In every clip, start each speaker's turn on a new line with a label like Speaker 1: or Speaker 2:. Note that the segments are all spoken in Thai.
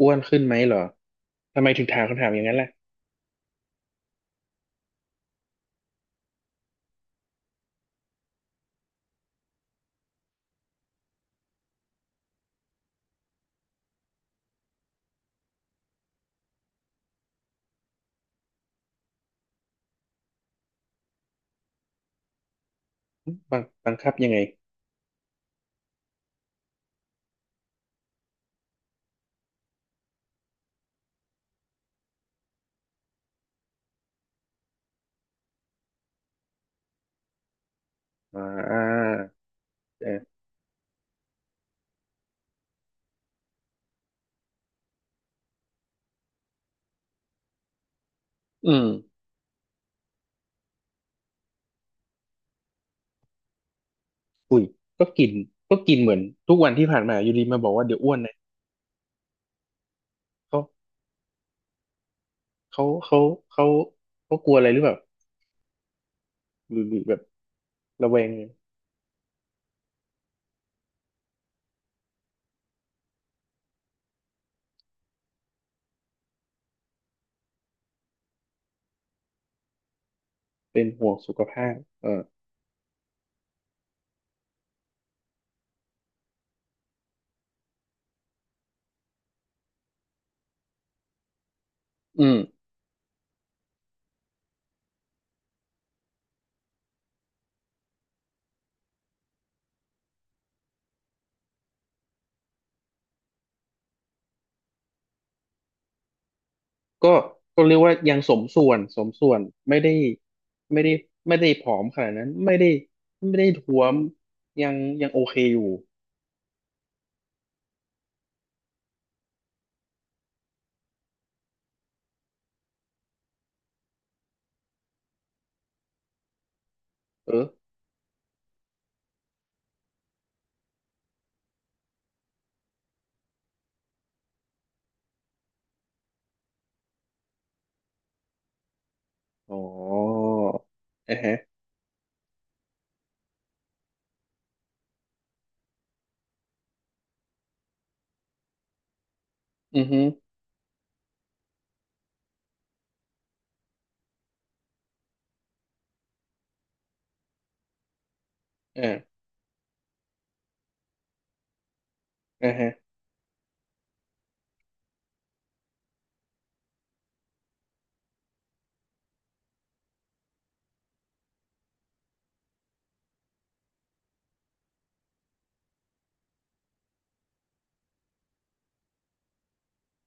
Speaker 1: อ้วนขึ้นไหมเหรอ ทำไมถึงถามคำถามอย่างนั้นล่ะบังคับยังไงอ่าเอออืมอุ้ยก็กินก็กินเหมือนทุกวันที่ผ่านมาอยู่ดีมาบอกว่าเดี๋ยวอ้วนนะเขาเขาเขาเขาเขากลัวอะไรหรือเปล่าหรือแบบระแวง เป็นห่วงสุขภาพเอออืมก็เรียกว่ายังสมส่วนไม่ได้ไม่ได้ไม่ได้ผอมขนาดนั้นไม่ได้ท้วมยังโอเคอยู่เอออ๋ออ่าฮะ อือฮึอ่าอ่าฮะ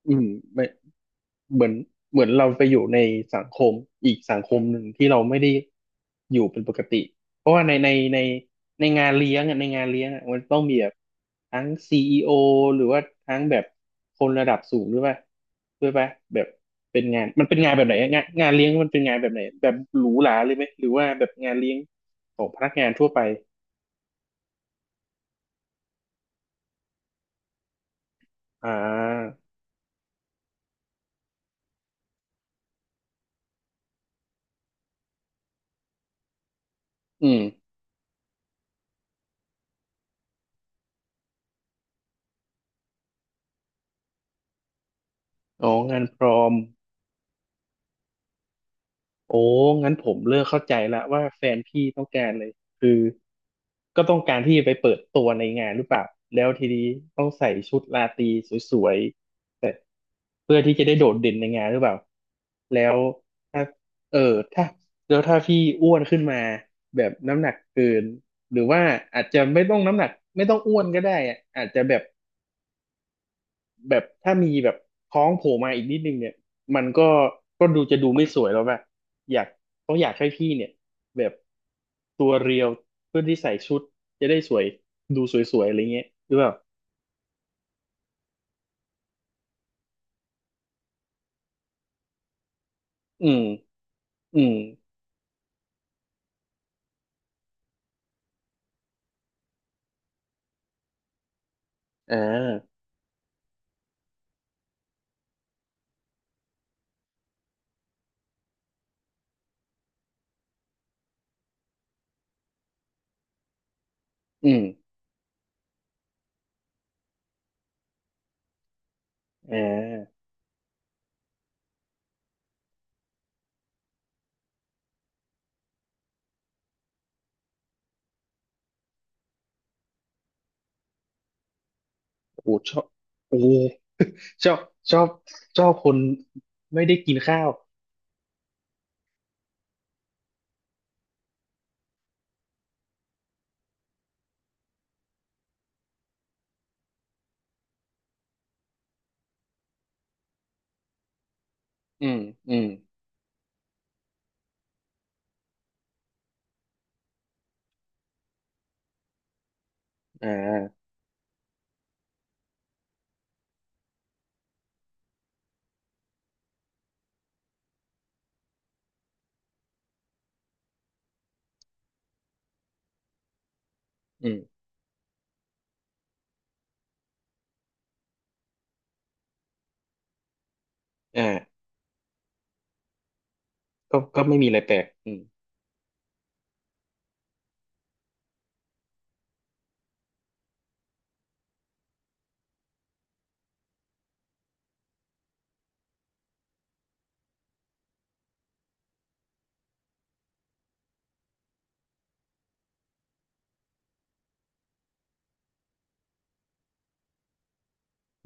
Speaker 1: อืมไม่เหมือนเราไปอยู่ในสังคมอีกสังคมหนึ่งที่เราไม่ได้อยู่เป็นปกติเพราะว่าในในงานเลี้ยงอ่ะในงานเลี้ยงอ่ะมันต้องมีแบบทั้งซีอีโอหรือว่าทั้งแบบคนระดับสูงด้วยป่ะแบบเป็นงานมันเป็นงานแบบไหนอะงานงานเลี้ยงมันเป็นงานแบบไหนแบบหรูหราเลยไหมหรือว่าแบบงานเลี้ยงของพนักงานทั่วไปอ่าอืมอ๋องานพรอม โอ้งั้นผมเลิ่มเข้าใจละว่าแฟนพี่ต้องการเลยคือก็ต้องการที่จะไปเปิดตัวในงานหรือเปล่าแล้วทีนี้ต้องใส่ชุดราตรีสวยๆแต่เพื่อที่จะได้โดดเด่นในงานหรือเปล่าแล้วถ้าเออถ้าแล้วถ้าพี่อ้วนขึ้นมาแบบน้ำหนักเกินหรือว่าอาจจะไม่ต้องน้ำหนักไม่ต้องอ้วนก็ได้อะอาจจะแบบ แบบถ้ามีแบบท้องโผล่มาอีกนิดนึงเนี่ยมันก็ดูจะดูไม่สวยแล้วแบบอยากต้องอยากให้พี่เนี่ยแบบตัวเรียวเพื่อที่ใส่ชุดจะได้สวยดูสวยๆอะไรเงี้ยหรือเปล่าอืมอืมอ่าอืมอ่าโอ้โหชอบโอ้โหชอบชอบชอบคนไม่ได้กินข้าวอืมอืมอ่าอืมอ่าก็ไม่มีอะไรแปลกอืม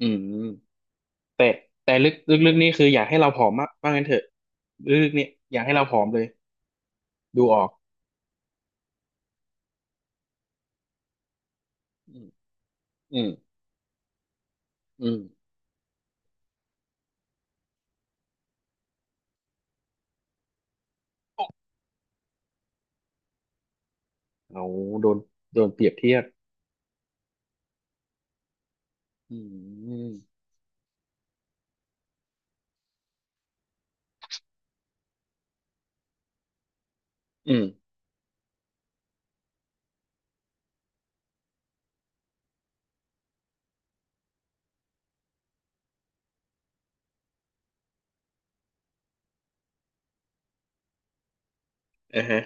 Speaker 1: อืม แต่ลึกลึกๆนี่คืออยากให้เราผอมมากว่างั้นเถอะลึกๆเนี่ยอยากให้เราผอมเลยดูออกอืมอืมอืมเอาโดนเปรียบเทียบอืมอืมอ่าฮะ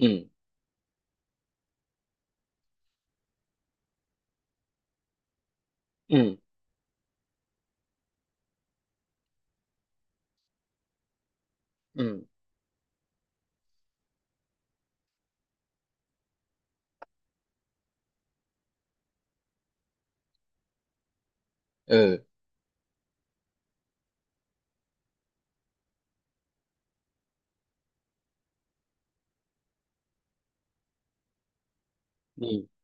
Speaker 1: อืมอืมอืมเออนี่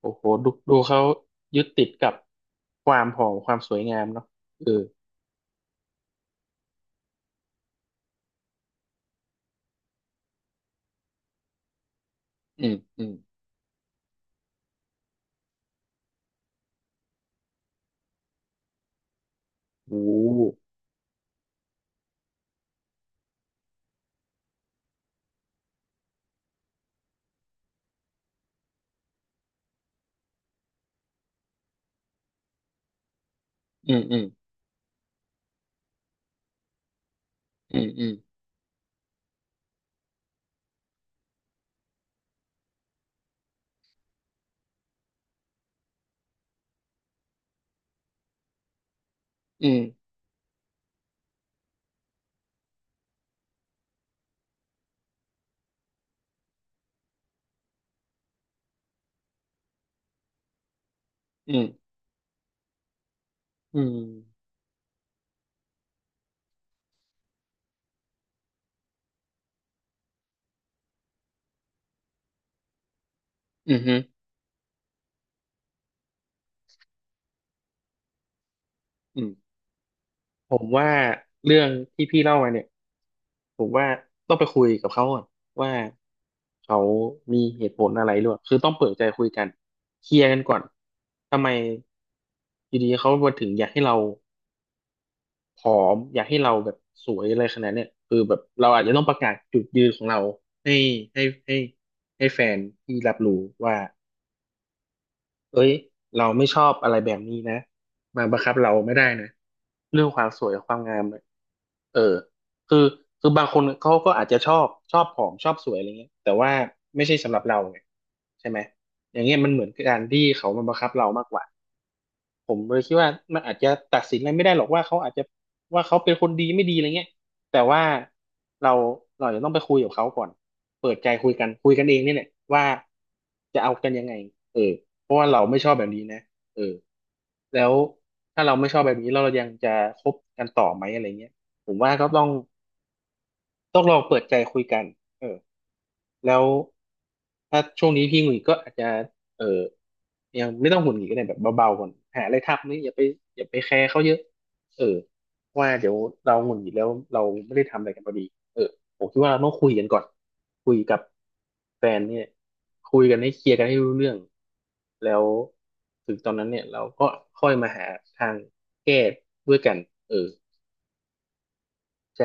Speaker 1: โอ้โหดูเขายึดติดกับความผอมความสวยงามเนาะเอออืมอืมโอ้อืมอืมอืมอืมอืมอืมอืมอืมอืม ผมว่าเรื่องที่พี่เล่ามาเนี่ยผมว่าต้องไปคุยกับเขาก่อนว่าเขามีเหตุผลอะไรหรือเปล่าคือต้องเปิดใจคุยกันเคลียร์กันก่อนทำไมอยู่ดีเขามาถึงอยากให้เราผอมอยากให้เราแบบสวยอะไรขนาดเนี้ยคือแบบเราอาจจะต้องประกาศจุดยืนของเราให้ให้ให้แฟนที่รับรู้ว่า เอ้ยเราไม่ชอบอะไรแบบนี้นะมาบังคับเราไม่ได้นะเรื่องความสวยความงามเนี่ยเออคือบางคนเขาก็อาจจะชอบผอมชอบสวยอะไรเงี้ยแต่ว่าไม่ใช่สำหรับเราไงใช่ไหมอย่างเงี้ยมันเหมือนการที่เขามาบังคับเรามากกว่า ผมเลยคิดว่ามันอาจจะตัดสินอะไรไม่ได้หรอกว่าเขาอาจจะว่าเขาเป็นคนดีไม่ดีอะไรเงี้ยแต่ว่าเราจะต้องไปคุยกับเขาก่อนเปิดใจคุยกันคุยกันเองเนี่ยแหละว่าจะเอากันยังไงเออเพราะว่าเราไม่ชอบแบบนี้นะเออแล้วถ้าเราไม่ชอบแบบนี้เรายังจะคบกันต่อไหมอะไรเงี้ยผมว่าก็ต้องลองเปิดใจคุยกันเออ แล้วถ้าช่วงนี้พี่หงุดหงิดก็อาจจะเออยังไม่ต้องหงุดหงิดก็ได้แบบเบาๆก่อนหาอะไรทำนี่อย่าไปอย่าไปแคร์เขาเยอะเออว่าเดี๋ยวเราหงุดหงิดแล้วเราไม่ได้ทำอะไรกันพอดีเออผมคิดว่าเราต้องคุยกันก่อนคุยกับแฟนเนี่ยคุยกันให้เคลียร์กันให้รู้เรื่องแล้วถึงตอนนั้นเนี่ยเราก็ค่อยมาหาทางแก้ด้วยกันเออใช่